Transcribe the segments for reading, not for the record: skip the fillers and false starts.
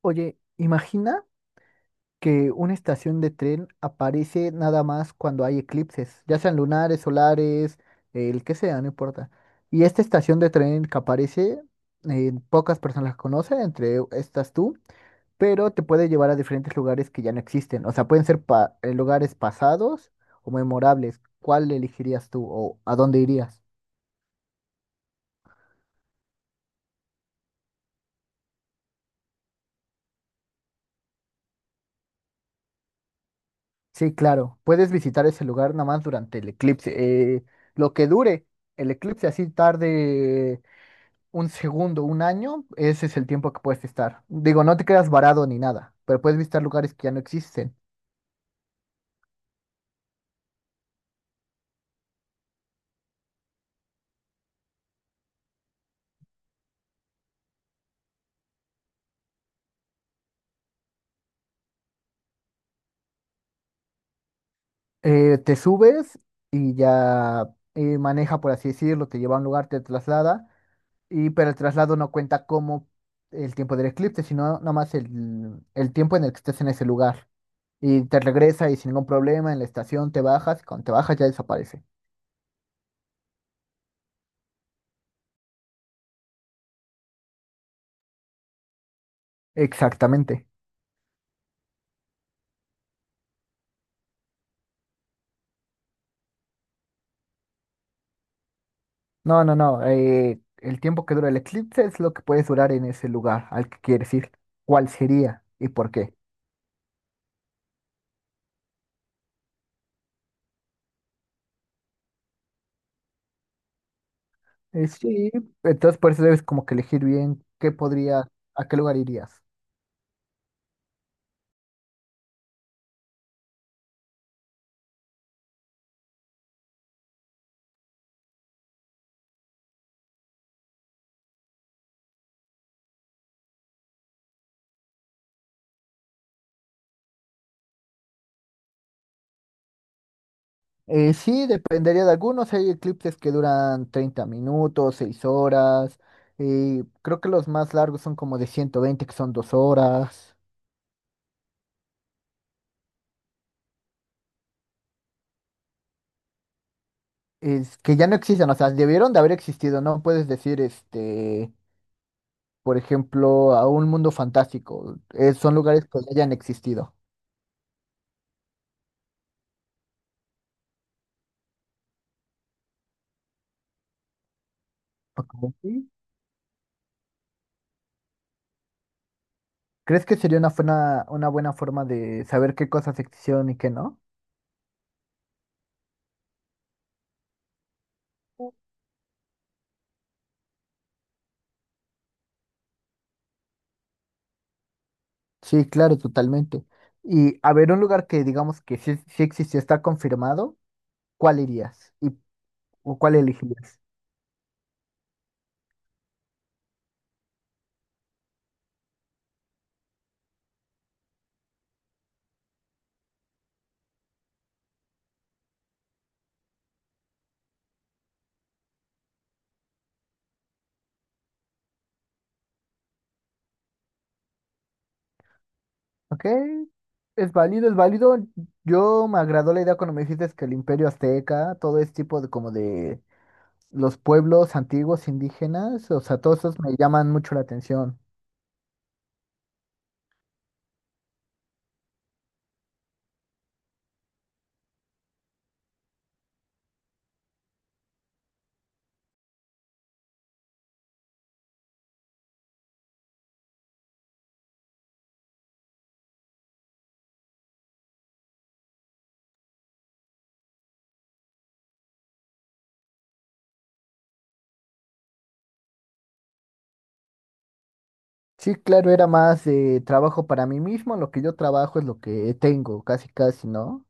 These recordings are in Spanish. Oye, imagina que una estación de tren aparece nada más cuando hay eclipses, ya sean lunares, solares, el que sea, no importa. Y esta estación de tren que aparece, pocas personas la conocen, entre estas tú, pero te puede llevar a diferentes lugares que ya no existen. O sea, pueden ser lugares pasados o memorables. ¿Cuál elegirías tú o a dónde irías? Sí, claro, puedes visitar ese lugar nada más durante el eclipse. Lo que dure el eclipse, así tarde un segundo, un año, ese es el tiempo que puedes estar. Digo, no te quedas varado ni nada, pero puedes visitar lugares que ya no existen. Te subes y ya maneja, por así decirlo, te lleva a un lugar, te traslada, y, pero el traslado no cuenta como el tiempo del eclipse, sino nomás el tiempo en el que estés en ese lugar. Y te regresa y sin ningún problema en la estación te bajas, y cuando te bajas ya desaparece. Exactamente. No, no, no. El tiempo que dura el eclipse es lo que puedes durar en ese lugar al que quieres ir. ¿Cuál sería y por qué? Sí, entonces por eso debes como que elegir bien qué podría, a qué lugar irías. Sí, dependería de algunos. Hay eclipses que duran 30 minutos, 6 horas. Y creo que los más largos son como de 120 que son 2 horas. Es que ya no existen, o sea, debieron de haber existido. No puedes decir, este, por ejemplo, a un mundo fantástico. Son lugares que hayan existido. Como sí. ¿Crees que sería una buena forma de saber qué cosas existieron y qué no? Sí, claro, totalmente. Y a ver, un lugar que digamos que sí existió, está confirmado, ¿cuál irías? ¿Y o cuál elegirías? Ok, es válido, es válido. Yo me agradó la idea cuando me dijiste que el Imperio Azteca, todo este tipo de como de los pueblos antiguos indígenas, o sea, todos esos me llaman mucho la atención. Sí, claro, era más de trabajo para mí mismo, lo que yo trabajo es lo que tengo, casi casi, ¿no?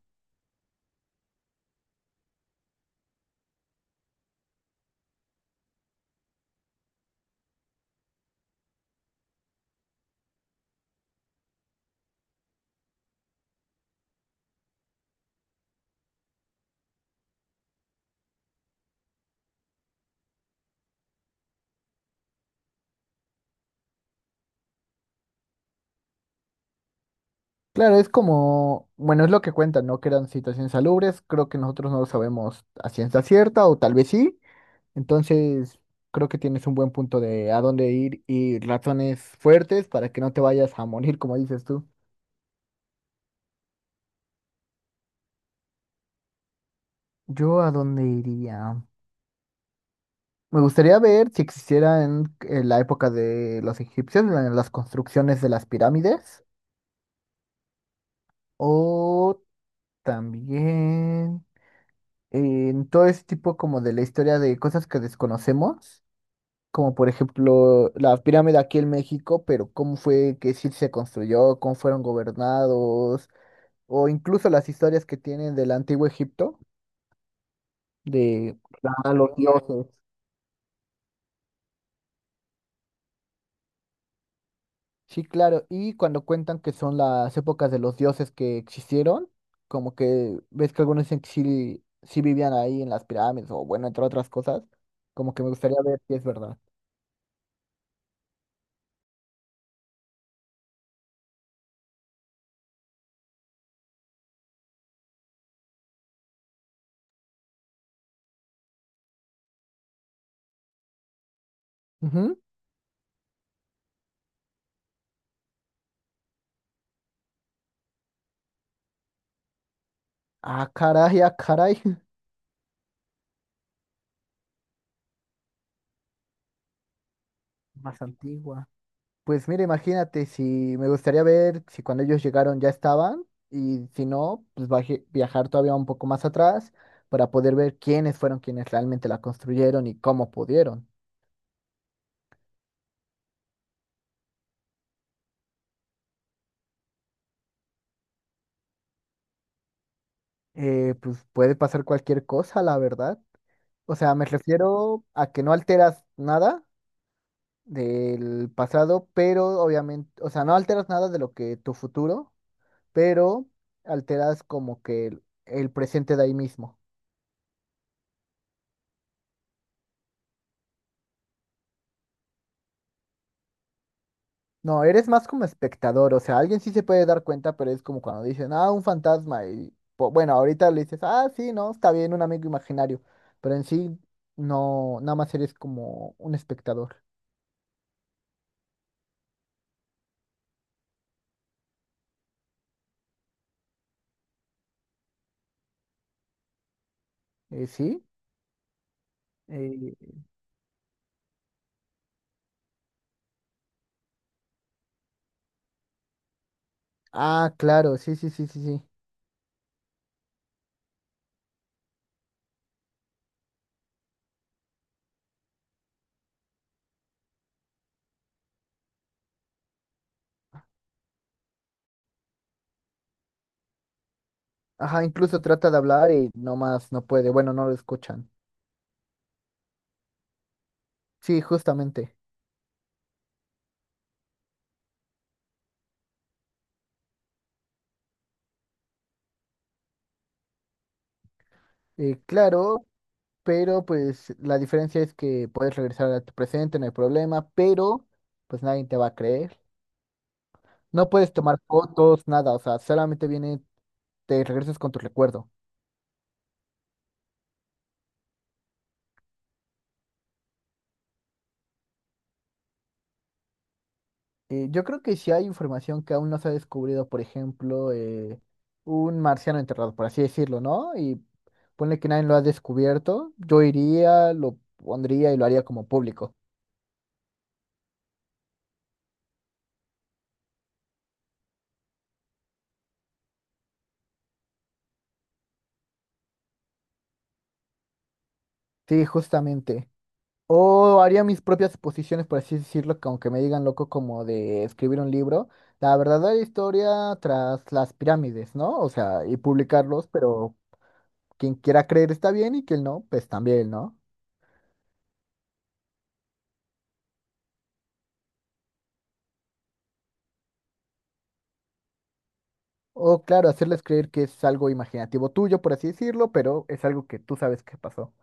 Claro, es como, bueno, es lo que cuentan, ¿no? Que eran situaciones salubres, creo que nosotros no lo sabemos a ciencia cierta, o tal vez sí, entonces creo que tienes un buen punto de a dónde ir y razones fuertes para que no te vayas a morir, como dices tú. Yo a dónde iría. Me gustaría ver si existiera en la época de los egipcios, las construcciones de las pirámides. O también en todo ese tipo como de la historia de cosas que desconocemos, como por ejemplo la pirámide aquí en México, pero cómo fue que sí se construyó, cómo fueron gobernados, o incluso las historias que tienen del antiguo Egipto, de a los dioses. Sí, claro, y cuando cuentan que son las épocas de los dioses que existieron, como que ves que algunos dicen que sí vivían ahí en las pirámides, o bueno, entre otras cosas, como que me gustaría ver si es verdad. Ah, caray, ah, caray. Más antigua. Pues mira, imagínate, si me gustaría ver si cuando ellos llegaron ya estaban y si no, pues viajar todavía un poco más atrás para poder ver quiénes fueron quienes realmente la construyeron y cómo pudieron. Pues puede pasar cualquier cosa, la verdad. O sea, me refiero a que no alteras nada del pasado, pero obviamente, o sea, no alteras nada de lo que tu futuro, pero alteras como que el presente de ahí mismo. No, eres más como espectador, o sea, alguien sí se puede dar cuenta, pero es como cuando dicen, ah, un fantasma, y bueno, ahorita le dices, ah, sí, no, está bien, un amigo imaginario, pero en sí, no, nada más eres como un espectador. ¿Sí? Eh, ah, claro, sí, sí, sí, sí, sí. Ajá, incluso trata de hablar y no más no puede, bueno, no lo escuchan. Sí, justamente. Claro, pero pues la diferencia es que puedes regresar a tu presente, no hay problema, pero pues nadie te va a creer. No puedes tomar fotos, nada, o sea, solamente viene, te regresas con tu recuerdo. Yo creo que si hay información que aún no se ha descubrido, por ejemplo, un marciano enterrado, por así decirlo, ¿no? Y ponle que nadie lo ha descubierto, yo iría, lo pondría y lo haría como público. Sí, justamente. O haría mis propias suposiciones, por así decirlo, que aunque me digan loco como de escribir un libro, la verdadera historia tras las pirámides, ¿no? O sea, y publicarlos, pero quien quiera creer está bien y quien no, pues también, ¿no? O claro, hacerles creer que es algo imaginativo tuyo, por así decirlo, pero es algo que tú sabes que pasó.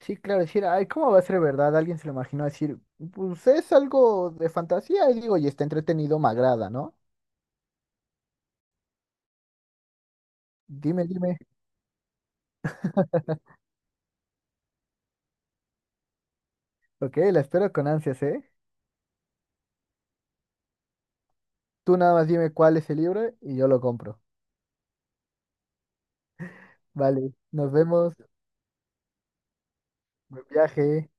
Sí, claro, decir, ay, ¿cómo va a ser verdad? Alguien se lo imaginó decir, pues es algo de fantasía, y digo, y está entretenido, me agrada, ¿no? Dime, dime. Ok, la espero con ansias, ¿eh? Tú nada más dime cuál es el libro y yo lo compro. Vale, nos vemos. Buen viaje.